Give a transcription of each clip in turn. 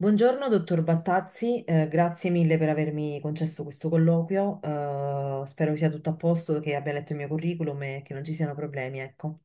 Buongiorno, dottor Battazzi, grazie mille per avermi concesso questo colloquio. Spero sia tutto a posto, che abbia letto il mio curriculum e che non ci siano problemi, ecco.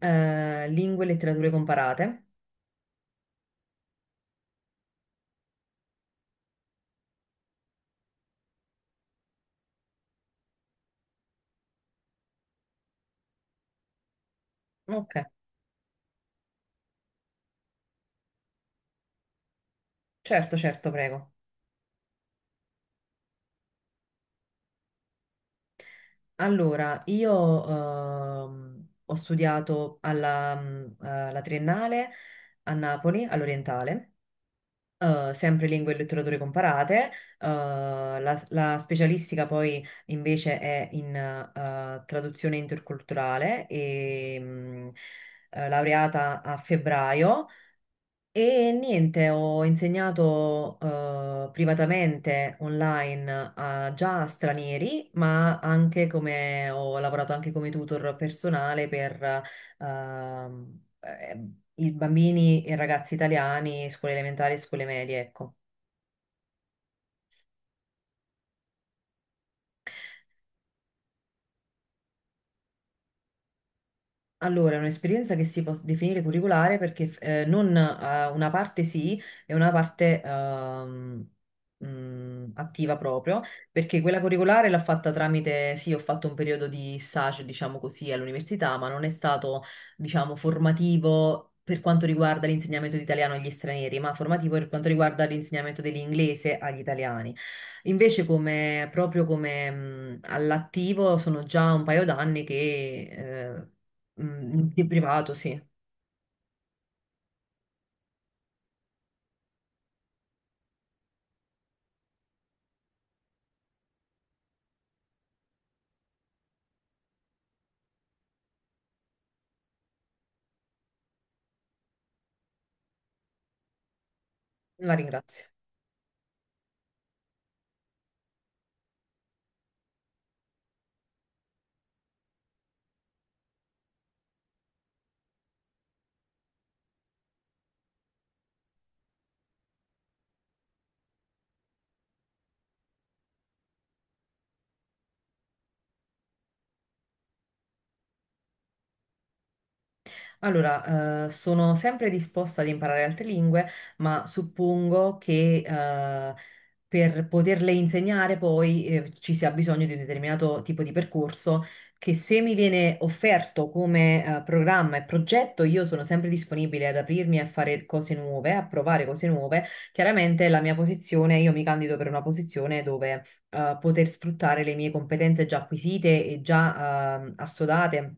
Lingue e letterature comparate? Ok, certo, certo, prego. Allora, io ho studiato alla triennale a Napoli, all'Orientale. Sempre lingue e letterature comparate, la specialistica poi invece è in traduzione interculturale e laureata a febbraio e niente, ho insegnato privatamente online già a stranieri, ma anche come ho lavorato anche come tutor personale per ehm, eh, i bambini e ragazzi italiani, scuole elementari e scuole medie, ecco. Allora, è un'esperienza che si può definire curriculare perché non, una parte sì e una parte attiva proprio, perché quella curriculare l'ho fatta tramite, sì, ho fatto un periodo di stage, diciamo così, all'università, ma non è stato, diciamo, formativo. Per quanto riguarda l'insegnamento di italiano agli stranieri, ma formativo per quanto riguarda l'insegnamento dell'inglese agli italiani. Invece, come, proprio come all'attivo, sono già un paio d'anni che eh, in privato, sì. La ringrazio. Allora, sono sempre disposta ad imparare altre lingue, ma suppongo che per poterle insegnare poi ci sia bisogno di un determinato tipo di percorso che se mi viene offerto come programma e progetto, io sono sempre disponibile ad aprirmi a fare cose nuove, a provare cose nuove. Chiaramente la mia posizione, io mi candido per una posizione dove poter sfruttare le mie competenze già acquisite e già assodate.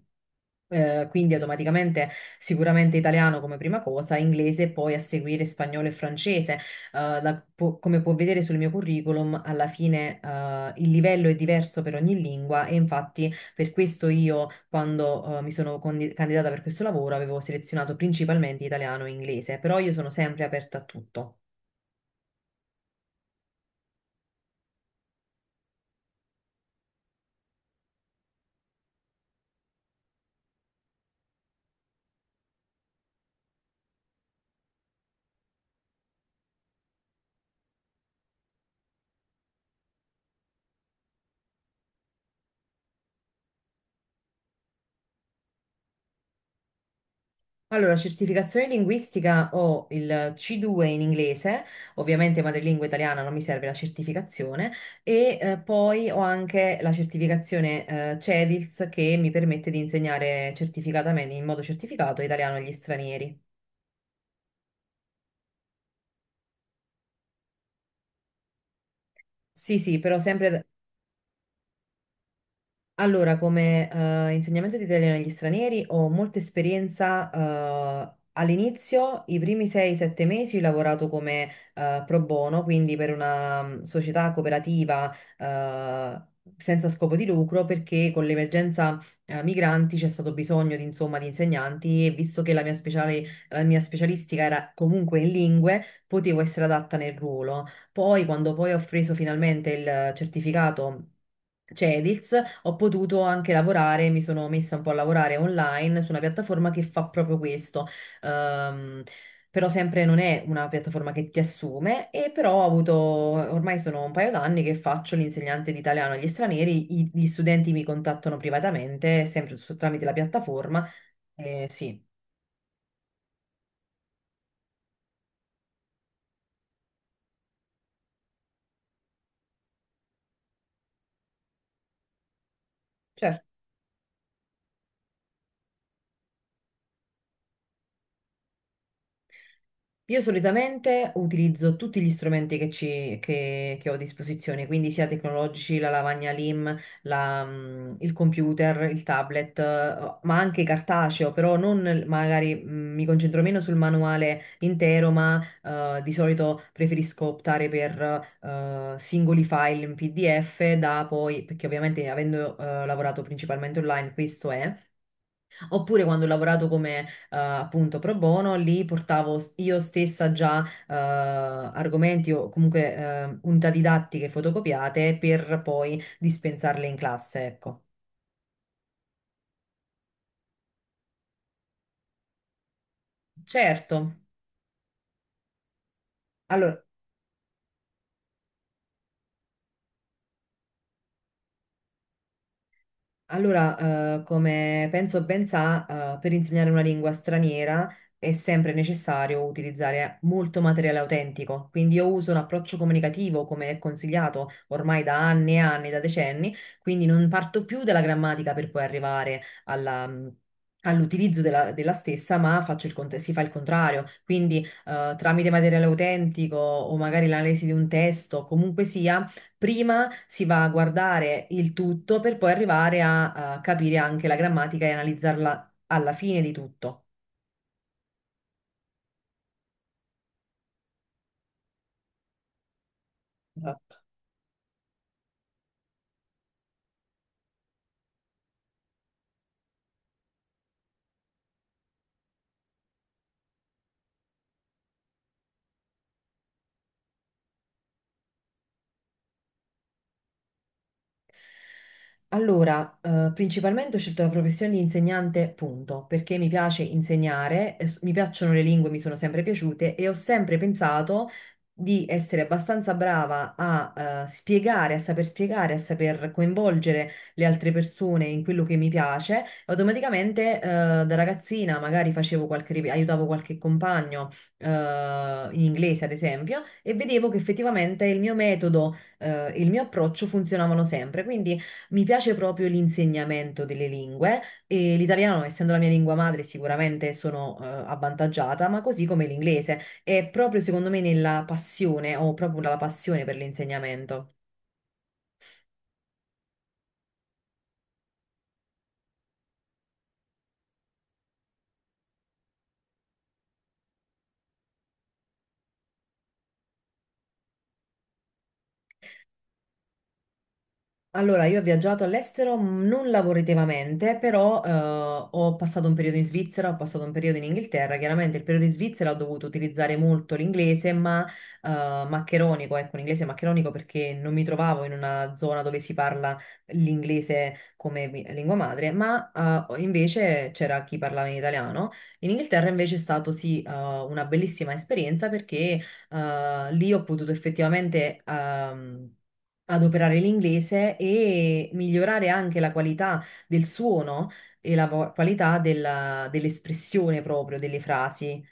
Quindi automaticamente sicuramente italiano come prima cosa, inglese e poi a seguire spagnolo e francese. Come può vedere sul mio curriculum, alla fine il livello è diverso per ogni lingua e infatti per questo io quando mi sono candidata per questo lavoro avevo selezionato principalmente italiano e inglese, però io sono sempre aperta a tutto. Allora, certificazione linguistica ho il C2 in inglese. Ovviamente madrelingua italiana non mi serve la certificazione, e poi ho anche la certificazione CEDILS, che mi permette di insegnare certificatamente, in modo certificato, italiano agli stranieri. Sì, sì, però sempre. Allora, come insegnamento di italiano agli stranieri ho molta esperienza. All'inizio, i primi 6-7 mesi, ho lavorato come pro bono, quindi per una società cooperativa senza scopo di lucro, perché con l'emergenza migranti c'è stato bisogno di, insomma, di insegnanti e visto che la mia specialistica era comunque in lingue, potevo essere adatta nel ruolo. Poi, quando poi ho preso finalmente il certificato Cedils, ho potuto anche lavorare, mi sono messa un po' a lavorare online su una piattaforma che fa proprio questo. Ehm, però sempre non è una piattaforma che ti assume e però ho avuto, ormai sono un paio d'anni che faccio l'insegnante di italiano agli stranieri, gli studenti mi contattano privatamente, sempre tramite la piattaforma. Sì, certo. Io solitamente utilizzo tutti gli strumenti che ho a disposizione, quindi sia tecnologici, la lavagna LIM, il computer, il tablet, ma anche cartaceo, però non magari mi concentro meno sul manuale intero, ma di solito preferisco optare per singoli file in PDF da poi, perché ovviamente avendo lavorato principalmente online, questo è. Oppure quando ho lavorato come appunto pro bono, lì portavo io stessa già argomenti o comunque unità didattiche fotocopiate per poi dispensarle in classe, ecco. Certo. Allora, Allora, come penso ben sa, per insegnare una lingua straniera è sempre necessario utilizzare molto materiale autentico, quindi io uso un approccio comunicativo come è consigliato ormai da anni e anni, da decenni, quindi non parto più dalla grammatica per poi arrivare all'utilizzo della stessa, ma faccio si fa il contrario, quindi tramite materiale autentico o magari l'analisi di un testo, comunque sia. Prima si va a guardare il tutto per poi arrivare a capire anche la grammatica e analizzarla alla fine di tutto. Esatto. Allora, principalmente ho scelto la professione di insegnante, punto, perché mi piace insegnare, mi piacciono le lingue, mi sono sempre piaciute e ho sempre pensato di essere abbastanza brava a spiegare, a saper coinvolgere le altre persone in quello che mi piace. Automaticamente, da ragazzina magari facevo aiutavo qualche compagno, eh, in inglese, ad esempio, e vedevo che effettivamente il mio metodo, il mio approccio funzionavano sempre. Quindi mi piace proprio l'insegnamento delle lingue e l'italiano, essendo la mia lingua madre, sicuramente sono avvantaggiata, ma così come l'inglese. È proprio secondo me nella passione, ho proprio la passione per l'insegnamento. Allora, io ho viaggiato all'estero, non lavorativamente, però ho passato un periodo in Svizzera, ho passato un periodo in Inghilterra. Chiaramente il periodo in Svizzera ho dovuto utilizzare molto l'inglese, ma maccheronico, ecco, un inglese maccheronico perché non mi trovavo in una zona dove si parla l'inglese come lingua madre, ma invece c'era chi parlava in italiano. In Inghilterra invece è stato sì, una bellissima esperienza perché lì ho potuto effettivamente adoperare l'inglese e migliorare anche la qualità del suono e qualità dell'espressione proprio delle frasi.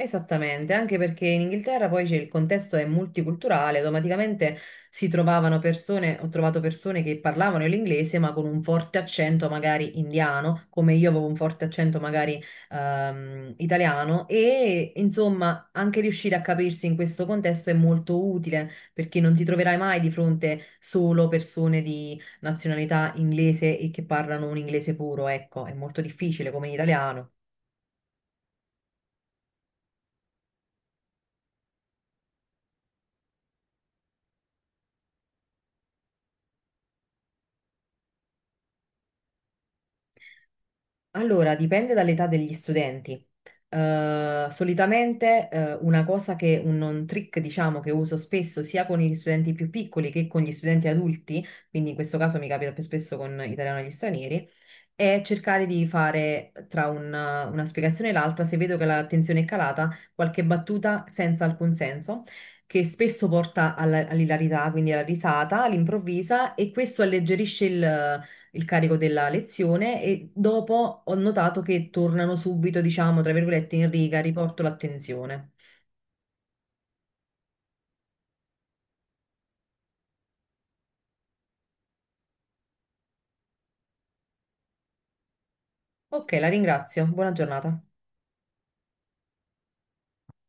Esattamente, anche perché in Inghilterra poi il contesto è multiculturale, automaticamente si trovavano persone, ho trovato persone che parlavano l'inglese ma con un forte accento magari indiano, come io avevo un forte accento magari italiano e insomma anche riuscire a capirsi in questo contesto è molto utile perché non ti troverai mai di fronte solo persone di nazionalità inglese e che parlano un inglese puro, ecco, è molto difficile come in italiano. Allora, dipende dall'età degli studenti. Solitamente, una cosa che un trick, diciamo, che uso spesso sia con gli studenti più piccoli che con gli studenti adulti, quindi in questo caso mi capita più spesso con italiano agli stranieri, è cercare di fare tra una spiegazione e l'altra, se vedo che l'attenzione è calata, qualche battuta senza alcun senso. Che spesso porta all'ilarità, quindi alla risata all'improvvisa, e questo alleggerisce il carico della lezione e dopo ho notato che tornano subito, diciamo, tra virgolette, in riga, riporto l'attenzione. Ok, la ringrazio. Buona giornata.